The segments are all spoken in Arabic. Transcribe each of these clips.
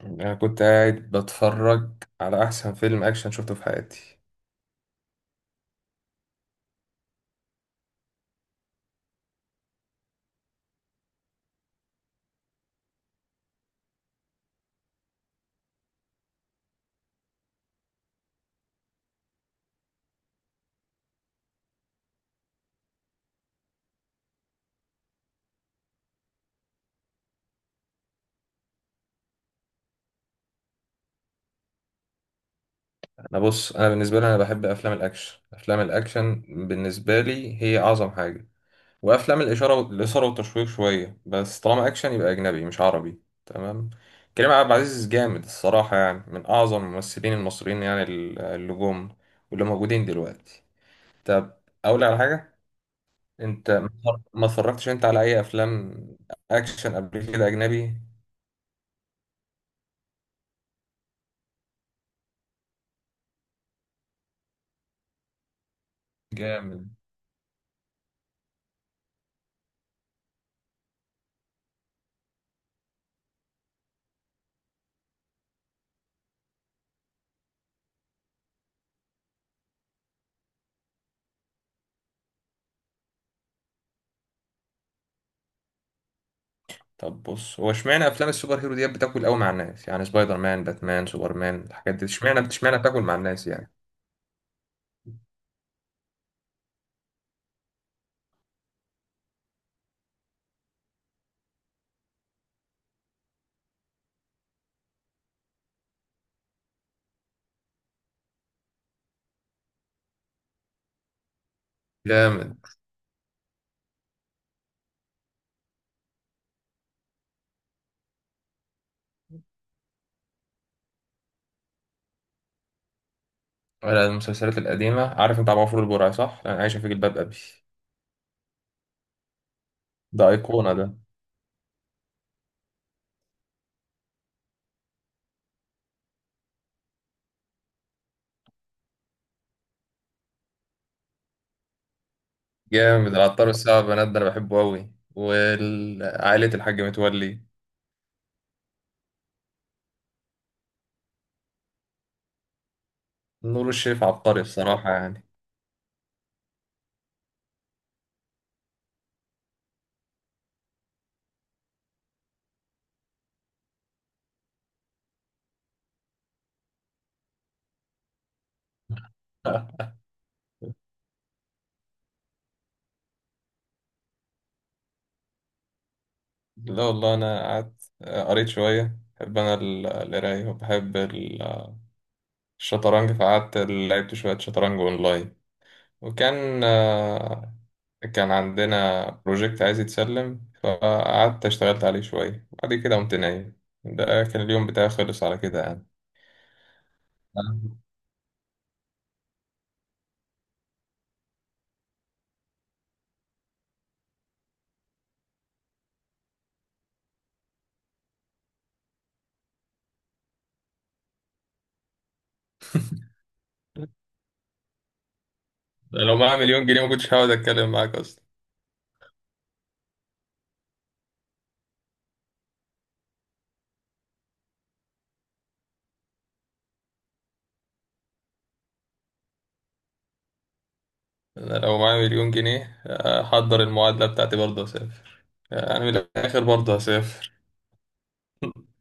انا كنت قاعد بتفرج على احسن فيلم اكشن شفته في حياتي. انا، بص. انا بالنسبه لي، انا بحب افلام الاكشن، افلام الاكشن بالنسبه لي هي اعظم حاجه. وافلام الاثاره والتشويق شويه. بس طالما اكشن يبقى اجنبي مش عربي، تمام. كريم عبد العزيز جامد الصراحه يعني، من اعظم الممثلين المصريين يعني اللي جم واللي موجودين دلوقتي. طب، اقول لك على حاجه. انت ما اتفرجتش انت على اي افلام اكشن قبل كده اجنبي؟ جامد. طب بص، هو اشمعنى افلام السوبر هيرو ديت بتاكل قوي مع الناس يعني؟ سبايدر مان، باتمان، سوبرمان، الحاجات دي، اشمعنى بتاكل مع الناس يعني؟ جامد. ولا المسلسلات القديمة؟ عارف انت عبد الغفور البرعي صح؟ انا عايشة في جلباب ابي. ده ايقونة ده. جامد. العطار والسبع بنات ده انا بحبه قوي، وعائلة الحاج متولي. نور الشريف عبقري بصراحة يعني. لا والله، انا قعدت، قريت شوية. بحب انا القراية، وبحب الشطرنج، فقعدت لعبت شوية شطرنج اونلاين. وكان آه، كان عندنا بروجكت عايز يتسلم، فقعدت اشتغلت عليه شوية. بعد كده قمت نايم. ده كان اليوم بتاعي، خلص على كده يعني. ده لو معايا مليون جنيه ما كنتش هقعد اتكلم معاك اصلا. انا لو معايا مليون جنيه احضر المعادلة بتاعتي، برضه اسافر، يعني من الاخر برضه هسافر.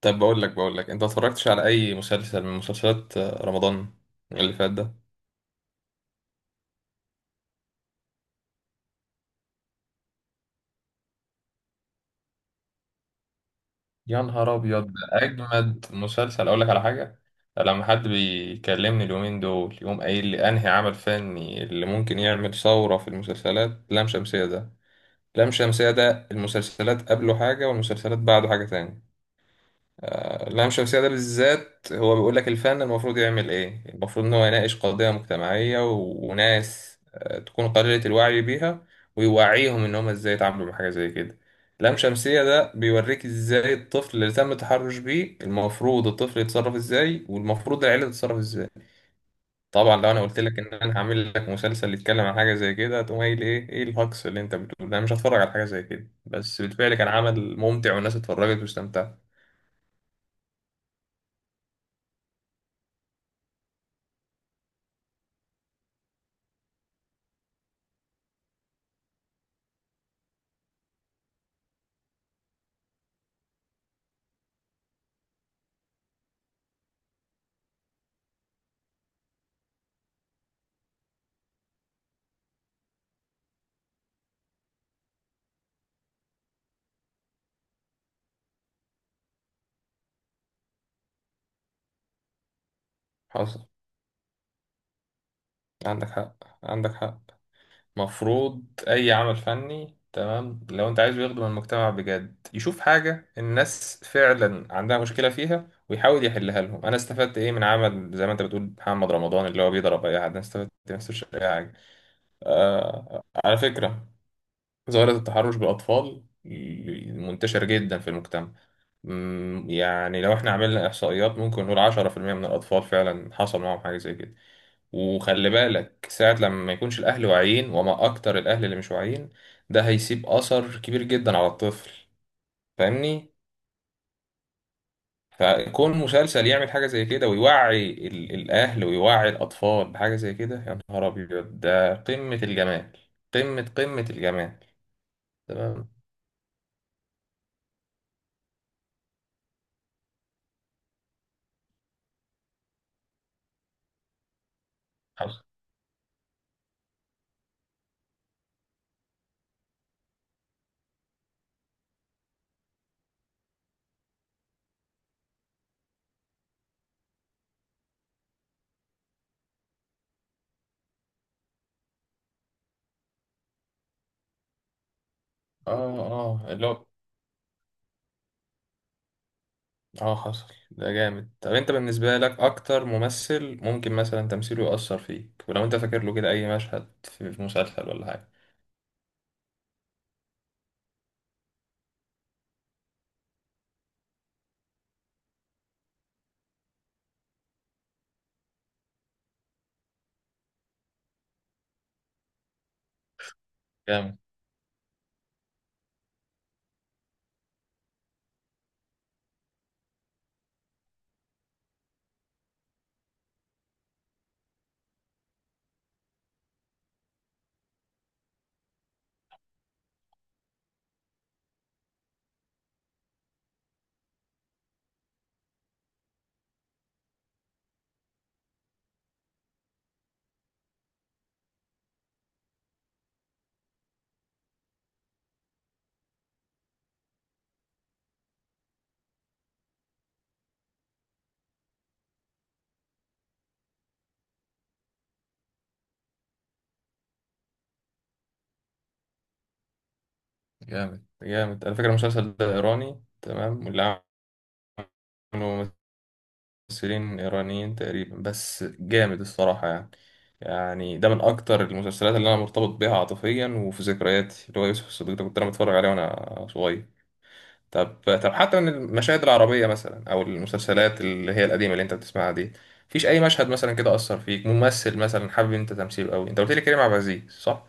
طب، بقول لك، انت اتفرجتش على اي مسلسل من مسلسلات رمضان اللي فات ده؟ يا نهار ابيض، ده اجمد مسلسل. اقول لك على حاجه. لما حد بيكلمني اليومين دول، يقوم قايل لي انهي عمل فني اللي ممكن يعمل ثوره في المسلسلات، لام شمسيه ده. لام شمسيه ده، المسلسلات قبله حاجه والمسلسلات بعده حاجه تاني. اللام الشمسية ده بالذات هو بيقول لك الفن المفروض يعمل ايه. المفروض ان هو يناقش قضية مجتمعية، وناس تكون قليلة الوعي بيها. ويوعيهم ان هم ازاي يتعاملوا مع حاجة زي كده. لام شمسية ده بيوريك ازاي الطفل اللي تم التحرش بيه المفروض الطفل يتصرف ازاي، والمفروض العيلة تتصرف ازاي. طبعا لو انا قلت لك ان انا هعمل لك مسلسل يتكلم عن حاجة زي كده، هتقوم قايل: ايه ايه الهجص اللي انت بتقوله ده؟ انا مش هتفرج على حاجة زي كده. بس بالفعل كان عمل ممتع، والناس اتفرجت واستمتعت. حصل. عندك حق، عندك حق. مفروض أي عمل فني، تمام، لو أنت عايزه يخدم المجتمع بجد، يشوف حاجة الناس فعلا عندها مشكلة فيها ويحاول يحلها لهم. أنا استفدت إيه من عمل زي ما أنت بتقول محمد رمضان اللي هو بيضرب أي حد؟ أنا استفدت، ما استفدتش أي حاجة. آه، على فكرة، ظاهرة التحرش بالأطفال منتشر جدا في المجتمع. يعني لو احنا عملنا إحصائيات ممكن نقول 10% من الأطفال فعلا حصل معاهم حاجة زي كده. وخلي بالك ساعة لما ما يكونش الأهل واعيين، وما أكتر الأهل اللي مش واعيين. ده هيسيب أثر كبير جدا على الطفل. فاهمني؟ فكون مسلسل يعمل حاجة زي كده ويوعي الأهل ويوعي الأطفال بحاجة زي كده، يا نهار أبيض. ده قمة الجمال. قمة الجمال. تمام. حصل. آه، آه، اللي هو حصل، ده جامد. طب، أنت بالنسبة لك أكتر ممثل ممكن مثلا تمثيله يأثر فيك، ولو أنت فاكر له كده أي مشهد في مسلسل ولا حاجة؟ جامد. جامد، جامد على فكرة. المسلسل ده إيراني، تمام، واللي عملوا ممثلين إيرانيين تقريبا، بس جامد الصراحة يعني. يعني ده من أكتر المسلسلات اللي أنا مرتبط بيها عاطفيا وفي ذكرياتي، اللي هو يوسف الصديق ده، كنت أنا بتفرج عليه وأنا صغير. طب، حتى من المشاهد العربية مثلا أو المسلسلات اللي هي القديمة اللي أنت بتسمعها دي، مفيش أي مشهد مثلا كده أثر فيك؟ ممثل مثلا حابب أنت تمثيله أوي، أنت قلت لي كريم عبد العزيز صح؟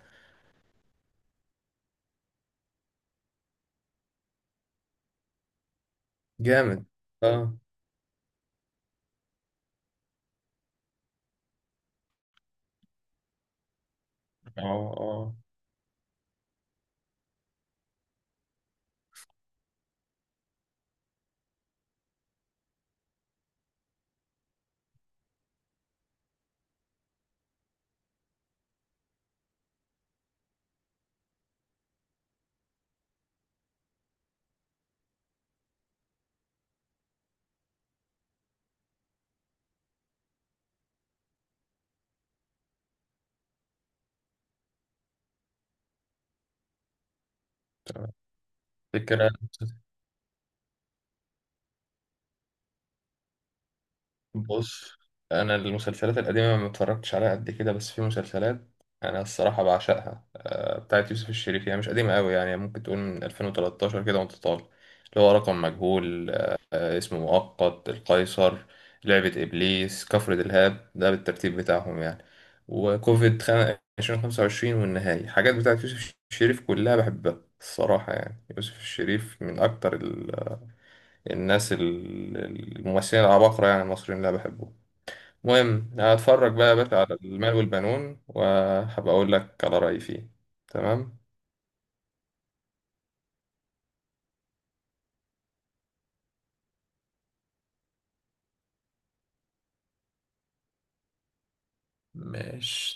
جامد. اه، اه، اه. تمام. فكرة. بص، انا المسلسلات القديمه ما اتفرجتش عليها قد كده، بس في مسلسلات انا الصراحه بعشقها. بتاعت يوسف الشريف، هي مش قديمه قوي يعني، ممكن تقول من 2013 كده وانت طالع. اللي هو رقم مجهول، اسمه مؤقت، القيصر، لعبه ابليس، كفر دلهاب، ده بالترتيب بتاعهم يعني. وكوفيد 2025، والنهايه، حاجات بتاعت يوسف الشريف كلها بحبها الصراحه يعني. يوسف الشريف من اكتر الناس، الممثلين العباقره، يعني المصريين اللي أنا بحبهم. المهم، هتفرج بقى يا باشا على المال والبنون، وهبقى اقول لك على رأيي فيه. تمام. ماشي.